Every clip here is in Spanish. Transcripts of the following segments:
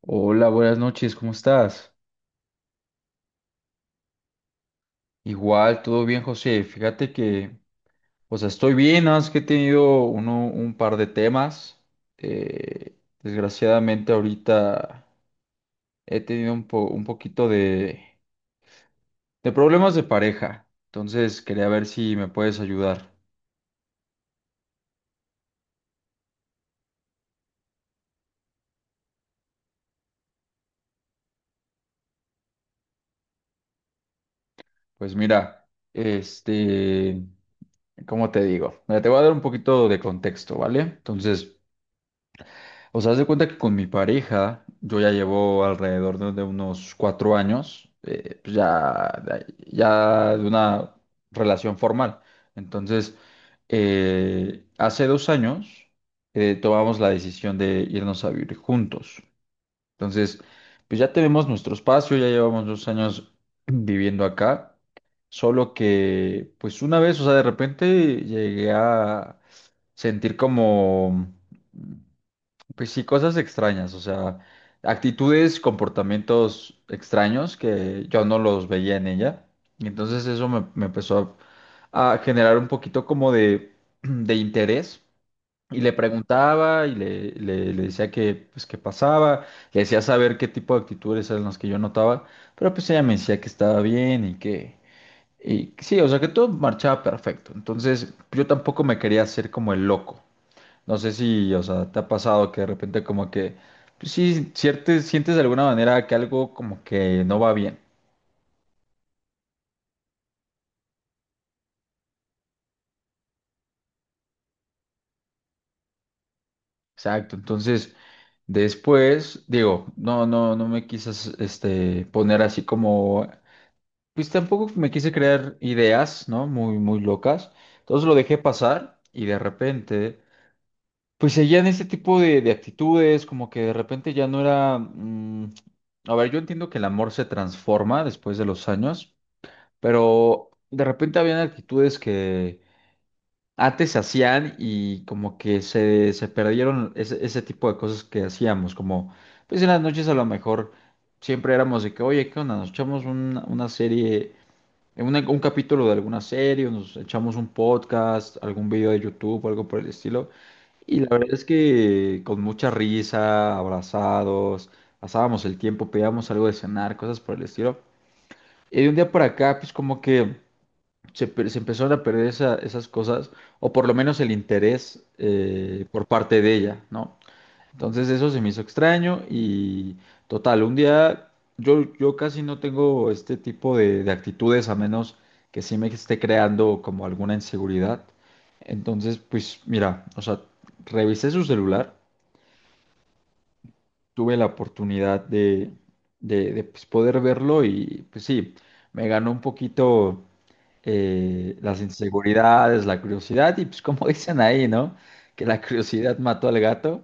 Hola, buenas noches, ¿cómo estás? Igual, todo bien, José. Fíjate que, o sea, estoy bien, nada más que he tenido un par de temas. Eh, Desgraciadamente ahorita he tenido un poquito de problemas de pareja. Entonces, quería ver si me puedes ayudar. Pues mira, ¿cómo te digo? Mira, te voy a dar un poquito de contexto, ¿vale? Entonces. O sea, haz de cuenta que con mi pareja, yo ya llevo alrededor de unos 4 años, pues ya de una relación formal. Entonces, hace 2 años tomamos la decisión de irnos a vivir juntos. Entonces, pues ya tenemos nuestro espacio, ya llevamos 2 años viviendo acá. Solo que, pues una vez, o sea, de repente llegué a sentir como pues sí, cosas extrañas, o sea, actitudes, comportamientos extraños que yo no los veía en ella. Y entonces eso me empezó a generar un poquito como de, de interés. Y le preguntaba y le decía que, pues, qué pasaba, le decía saber qué tipo de actitudes eran las que yo notaba, pero pues ella me decía que estaba bien y que sí, o sea, que todo marchaba perfecto. Entonces yo tampoco me quería hacer como el loco. No sé si, o sea, te ha pasado que de repente como que, pues sí, sientes de alguna manera que algo como que no va bien. Exacto. Entonces, después, digo, no me quisas, poner así como, pues tampoco me quise crear ideas, ¿no? Muy, muy locas. Entonces lo dejé pasar y de repente, pues seguían ese tipo de actitudes, como que de repente ya no era, a ver, yo entiendo que el amor se transforma después de los años, pero de repente habían actitudes que antes se hacían y como que se perdieron ese tipo de cosas que hacíamos, como pues en las noches a lo mejor siempre éramos de que, oye, ¿qué onda? Nos echamos una serie, un capítulo de alguna serie, o nos echamos un podcast, algún video de YouTube o algo por el estilo. Y la verdad es que con mucha risa, abrazados, pasábamos el tiempo, pedíamos algo de cenar, cosas por el estilo. Y de un día para acá, pues como que se empezaron a perder esas cosas, o por lo menos el interés por parte de ella, ¿no? Entonces eso se me hizo extraño y total, un día yo casi no tengo este tipo de actitudes a menos que sí me esté creando como alguna inseguridad. Entonces, pues mira, o sea, revisé su celular, tuve la oportunidad de, pues, poder verlo y pues sí, me ganó un poquito las inseguridades, la curiosidad, y pues como dicen ahí, ¿no? Que la curiosidad mató al gato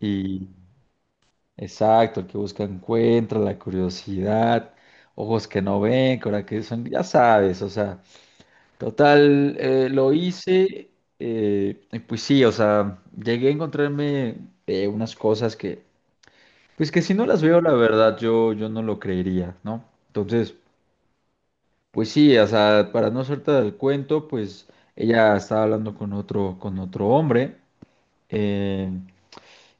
y exacto, el que busca encuentra, la curiosidad, ojos que no ven, ahora que son, ya sabes, o sea, total, lo hice, y pues sí, o sea, llegué a encontrarme unas cosas que, pues que si no las veo, la verdad, yo no lo creería, ¿no? Entonces. Pues sí, o sea, para no soltar el cuento, pues ella estaba hablando con otro hombre, eh,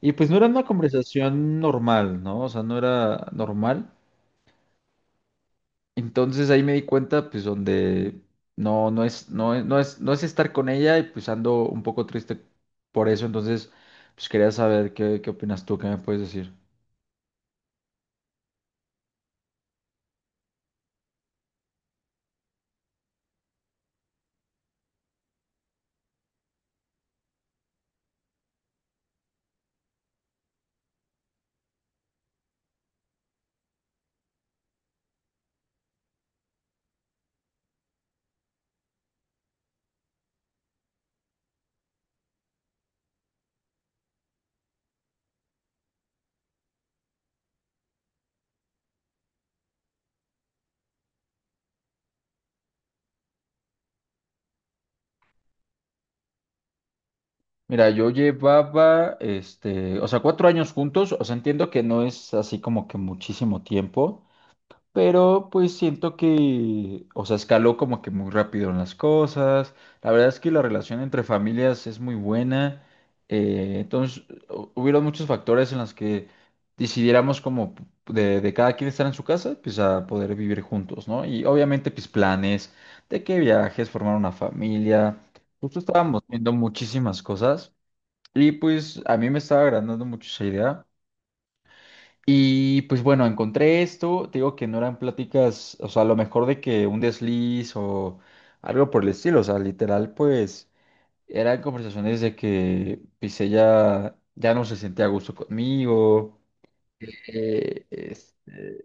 y pues no era una conversación normal, ¿no? O sea, no era normal. Entonces ahí me di cuenta, pues, donde no es estar con ella, y pues ando un poco triste por eso. Entonces, pues quería saber qué opinas tú, qué me puedes decir. Mira, yo llevaba, o sea, 4 años juntos, o sea, entiendo que no es así como que muchísimo tiempo. Pero pues siento que, o sea, escaló como que muy rápido en las cosas. La verdad es que la relación entre familias es muy buena. Entonces, hubieron muchos factores en los que decidiéramos como de, cada quien estar en su casa, pues a poder vivir juntos, ¿no? Y obviamente, pues planes de qué viajes, formar una familia. Justo estábamos viendo muchísimas cosas y pues a mí me estaba agrandando mucho esa idea. Y pues bueno, encontré esto, te digo que no eran pláticas, o sea, a lo mejor de que un desliz o algo por el estilo, o sea, literal, pues eran conversaciones de que pues ella ya no se sentía a gusto conmigo. eh, este,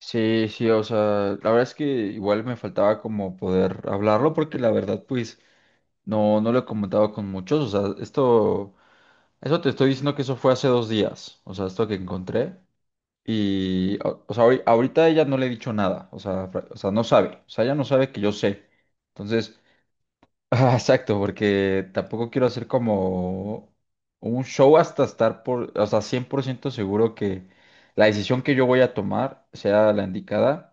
sí, sí, o sea, la verdad es que igual me faltaba como poder hablarlo porque la verdad, pues no lo he comentado con muchos, o sea, esto, eso te estoy diciendo que eso fue hace 2 días, o sea, esto que encontré. Y, o sea, ahorita ella no le he dicho nada, o sea, o sea, no sabe, o sea, ella no sabe que yo sé. Entonces, ah, exacto, porque tampoco quiero hacer como un show hasta estar por, o sea, 100% seguro que la decisión que yo voy a tomar sea la indicada.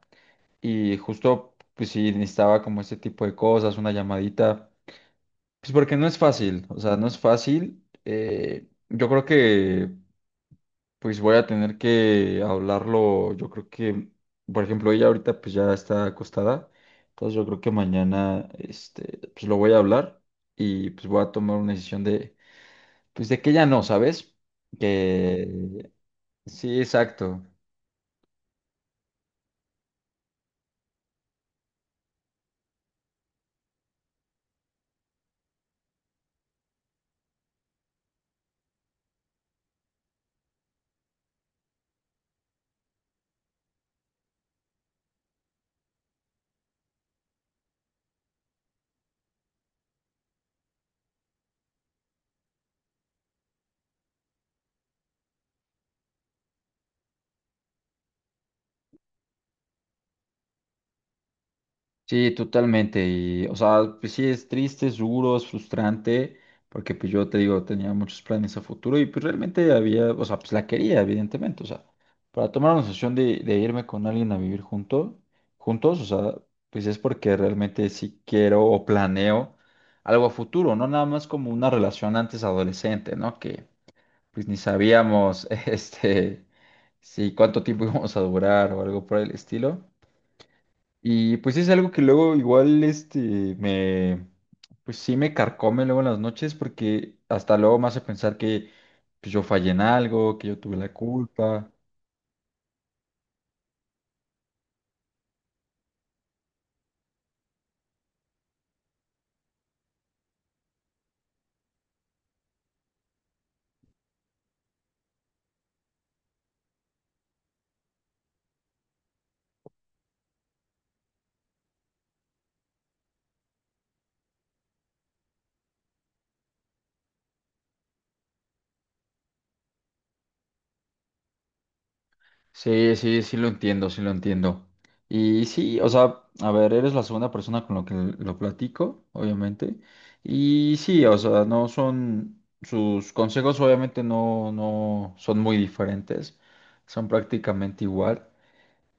Y justo, pues sí, necesitaba como este tipo de cosas, una llamadita, pues porque no es fácil, o sea, no es fácil. Yo creo que pues voy a tener que hablarlo, yo creo que, por ejemplo, ella ahorita pues ya está acostada, entonces yo creo que mañana, pues lo voy a hablar y pues voy a tomar una decisión pues de que ya no, ¿sabes? Que sí, exacto. Sí, totalmente. Y, o sea, pues sí, es triste, es duro, es frustrante, porque pues yo te digo, tenía muchos planes a futuro y pues realmente había, o sea, pues la quería, evidentemente. O sea, para tomar una decisión de irme con alguien a vivir juntos, o sea, pues es porque realmente sí quiero o planeo algo a futuro, no nada más como una relación antes adolescente, ¿no? Que pues ni sabíamos, si cuánto tiempo íbamos a durar o algo por el estilo. Y pues es algo que luego igual este me pues sí me carcome luego en las noches porque hasta luego me hace pensar que pues, yo fallé en algo, que yo tuve la culpa. Sí, sí, sí lo entiendo, sí lo entiendo. Y sí, o sea, a ver, eres la segunda persona con la que lo platico, obviamente. Y sí, o sea, no son sus consejos obviamente no son muy diferentes. Son prácticamente igual.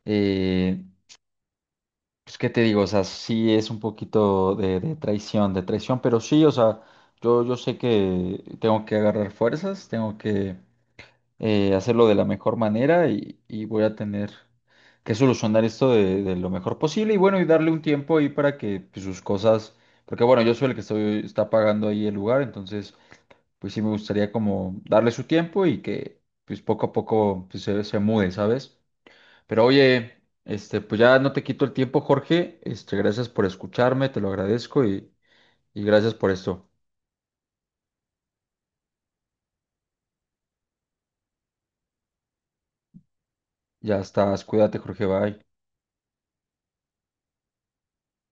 Eh, Pues, ¿qué te digo? O sea, sí es un poquito de traición, de traición, pero sí, o sea, yo sé que tengo que agarrar fuerzas, tengo que hacerlo de la mejor manera y voy a tener que solucionar esto de lo mejor posible y bueno, y darle un tiempo ahí para que pues, sus cosas, porque bueno, yo soy el que estoy, está pagando ahí el lugar, entonces pues sí me gustaría como darle su tiempo y que pues poco a poco pues, se mude, ¿sabes? Pero oye, pues ya no te quito el tiempo, Jorge. Gracias por escucharme, te lo agradezco y gracias por esto. Ya estás, cuídate, Jorge, bye.